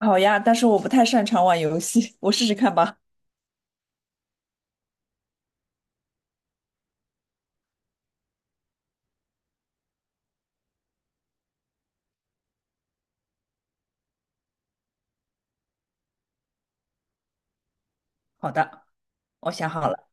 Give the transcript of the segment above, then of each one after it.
好呀，但是我不太擅长玩游戏，我试试看吧。好的，我想好了。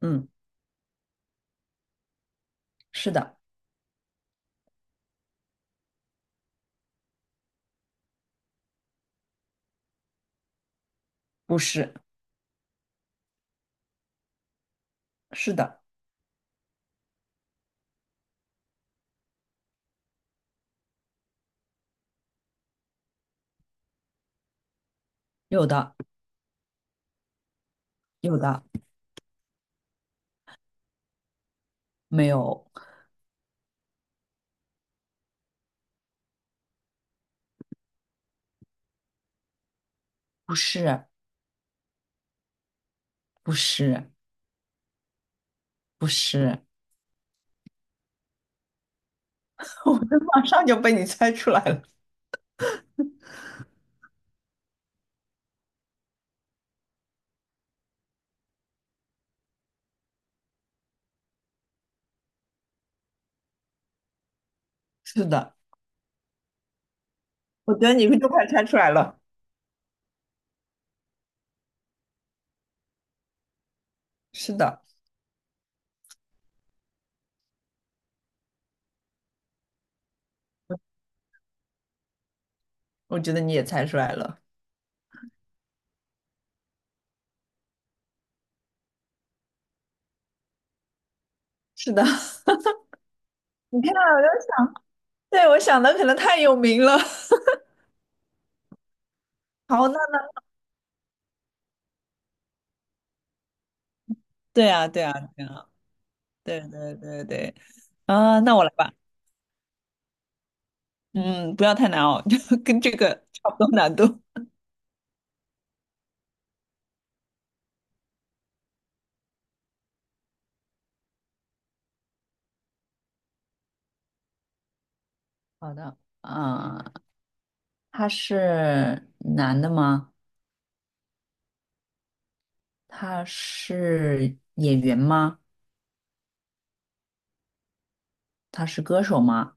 嗯，是的，不是，是的，有的，有的，没有，不是，不是，不是，我这马上就被你猜出来了，是的，我觉得你都快猜出来了，是的，我觉得你也猜出来了。是的。你看，我就想，对，我想的可能太有名了。好，那，对啊，对啊，对啊，对对对对，啊，那我来吧。嗯，不要太难哦，就跟这个差不多难度。好的，嗯，他是男的吗？他是演员吗？他是歌手吗？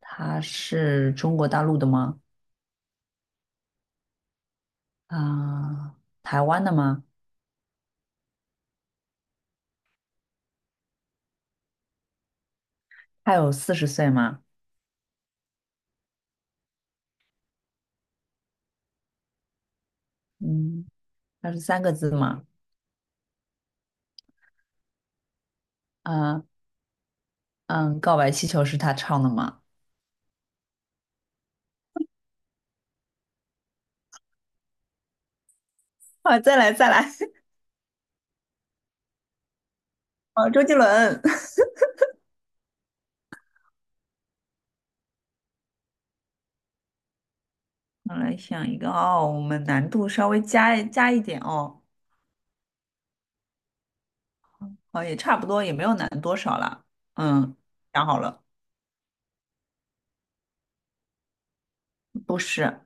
他是中国大陆的吗？啊、台湾的吗？他有四十岁吗？嗯，他是三个字吗？啊、嗯，告白气球是他唱的吗？啊，再来再来，啊，周杰伦。我来想一个哦，我们难度稍微加一点哦。哦，也差不多，也没有难多少了。嗯，想好了，不是，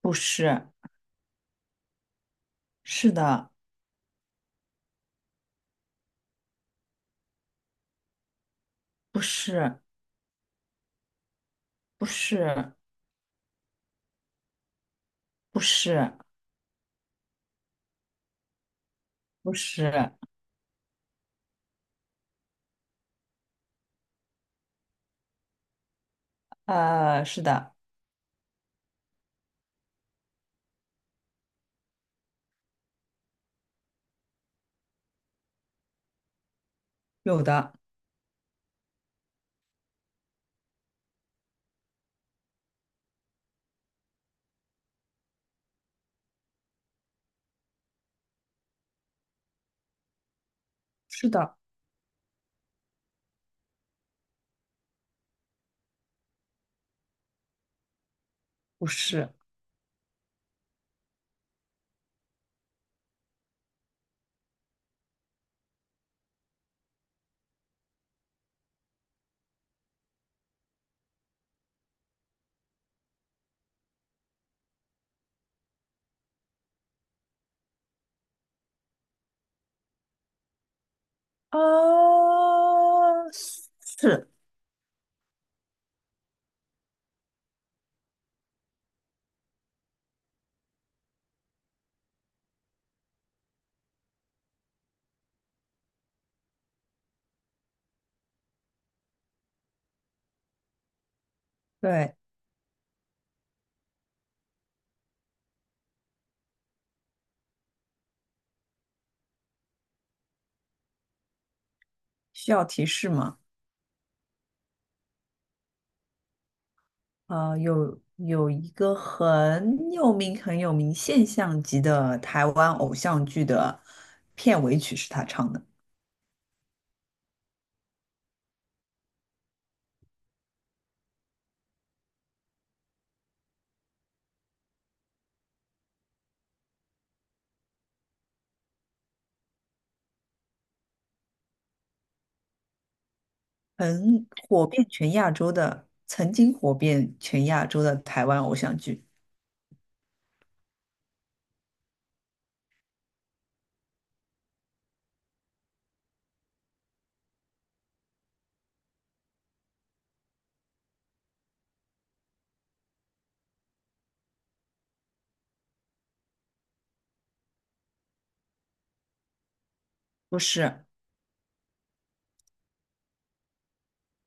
不是，是的，不是，不是，不是，不是，是的，有的，是的，不是，呃，是，对，需要提示吗？有一个很有名、很有名现象级的台湾偶像剧的片尾曲是他唱的。很火遍全亚洲的，曾经火遍全亚洲的台湾偶像剧，不是，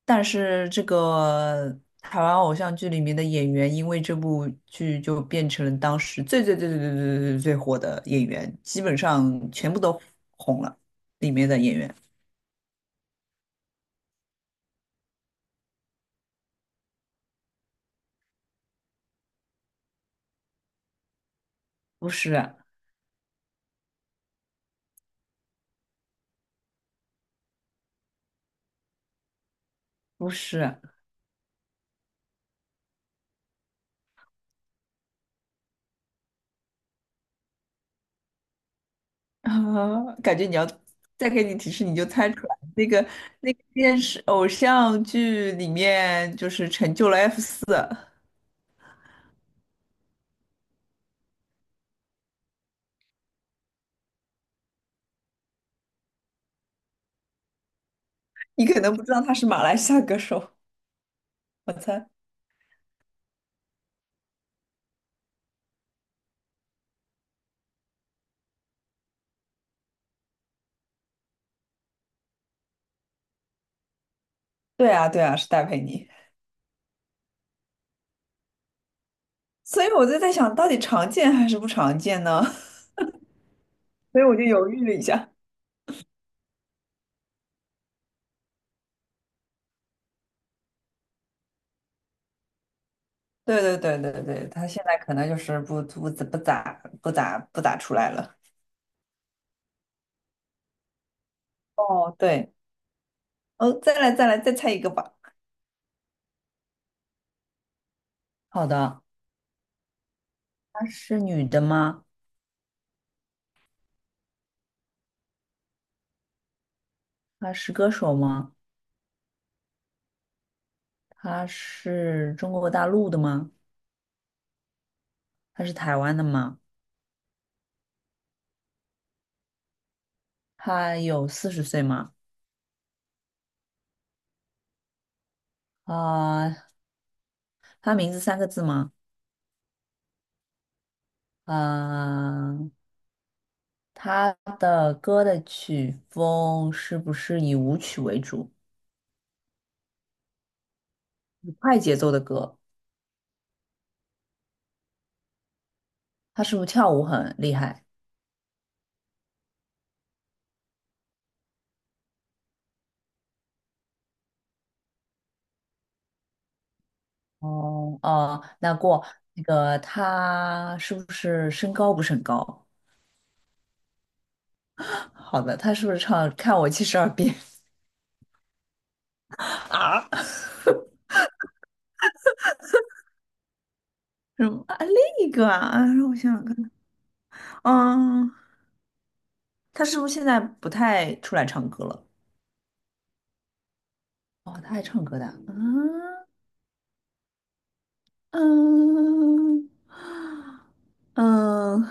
但是这个台湾偶像剧里面的演员，因为这部剧就变成了当时最最最最最最最最火的演员，基本上全部都红了。里面的演员不是，不是，啊，感觉你要再给你提示，你就猜出来那个电视偶像剧里面就是成就了 F 你可能不知道他是马来西亚歌手，我猜。对啊，对啊，是戴佩妮。所以我就在想，到底常见还是不常见呢？所以我就犹豫了一下。对对对对对，他现在可能就是不咋出来了。哦，对，哦，再来再来再猜一个吧。好的，她是女的吗？她是歌手吗？她是中国大陆的吗？她是台湾的吗？她有四十岁吗？啊、她名字三个字吗？啊、他的歌的曲风是不是以舞曲为主，以快节奏的歌？他是不是跳舞很厉害？哦哦，那个他是不是身高不是很高？好的，他是不是唱《看我七十二变》啊？什么那个啊？让我想想看，嗯，他是不是现在不太出来唱歌了？哦，他还唱歌的啊，嗯嗯嗯，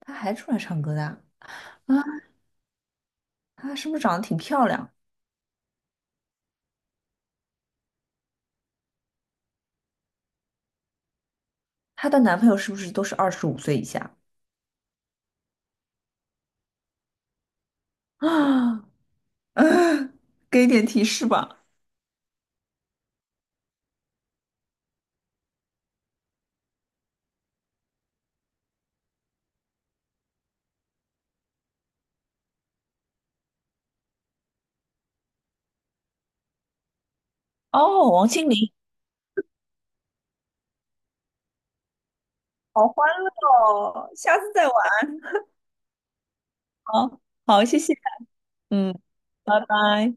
他还出来唱歌的啊？她是不是长得挺漂亮？她的男朋友是不是都是25岁以下？啊，给点提示吧。哦，王心凌。好欢乐哦，下次再玩。哦。好，谢谢。嗯，拜拜。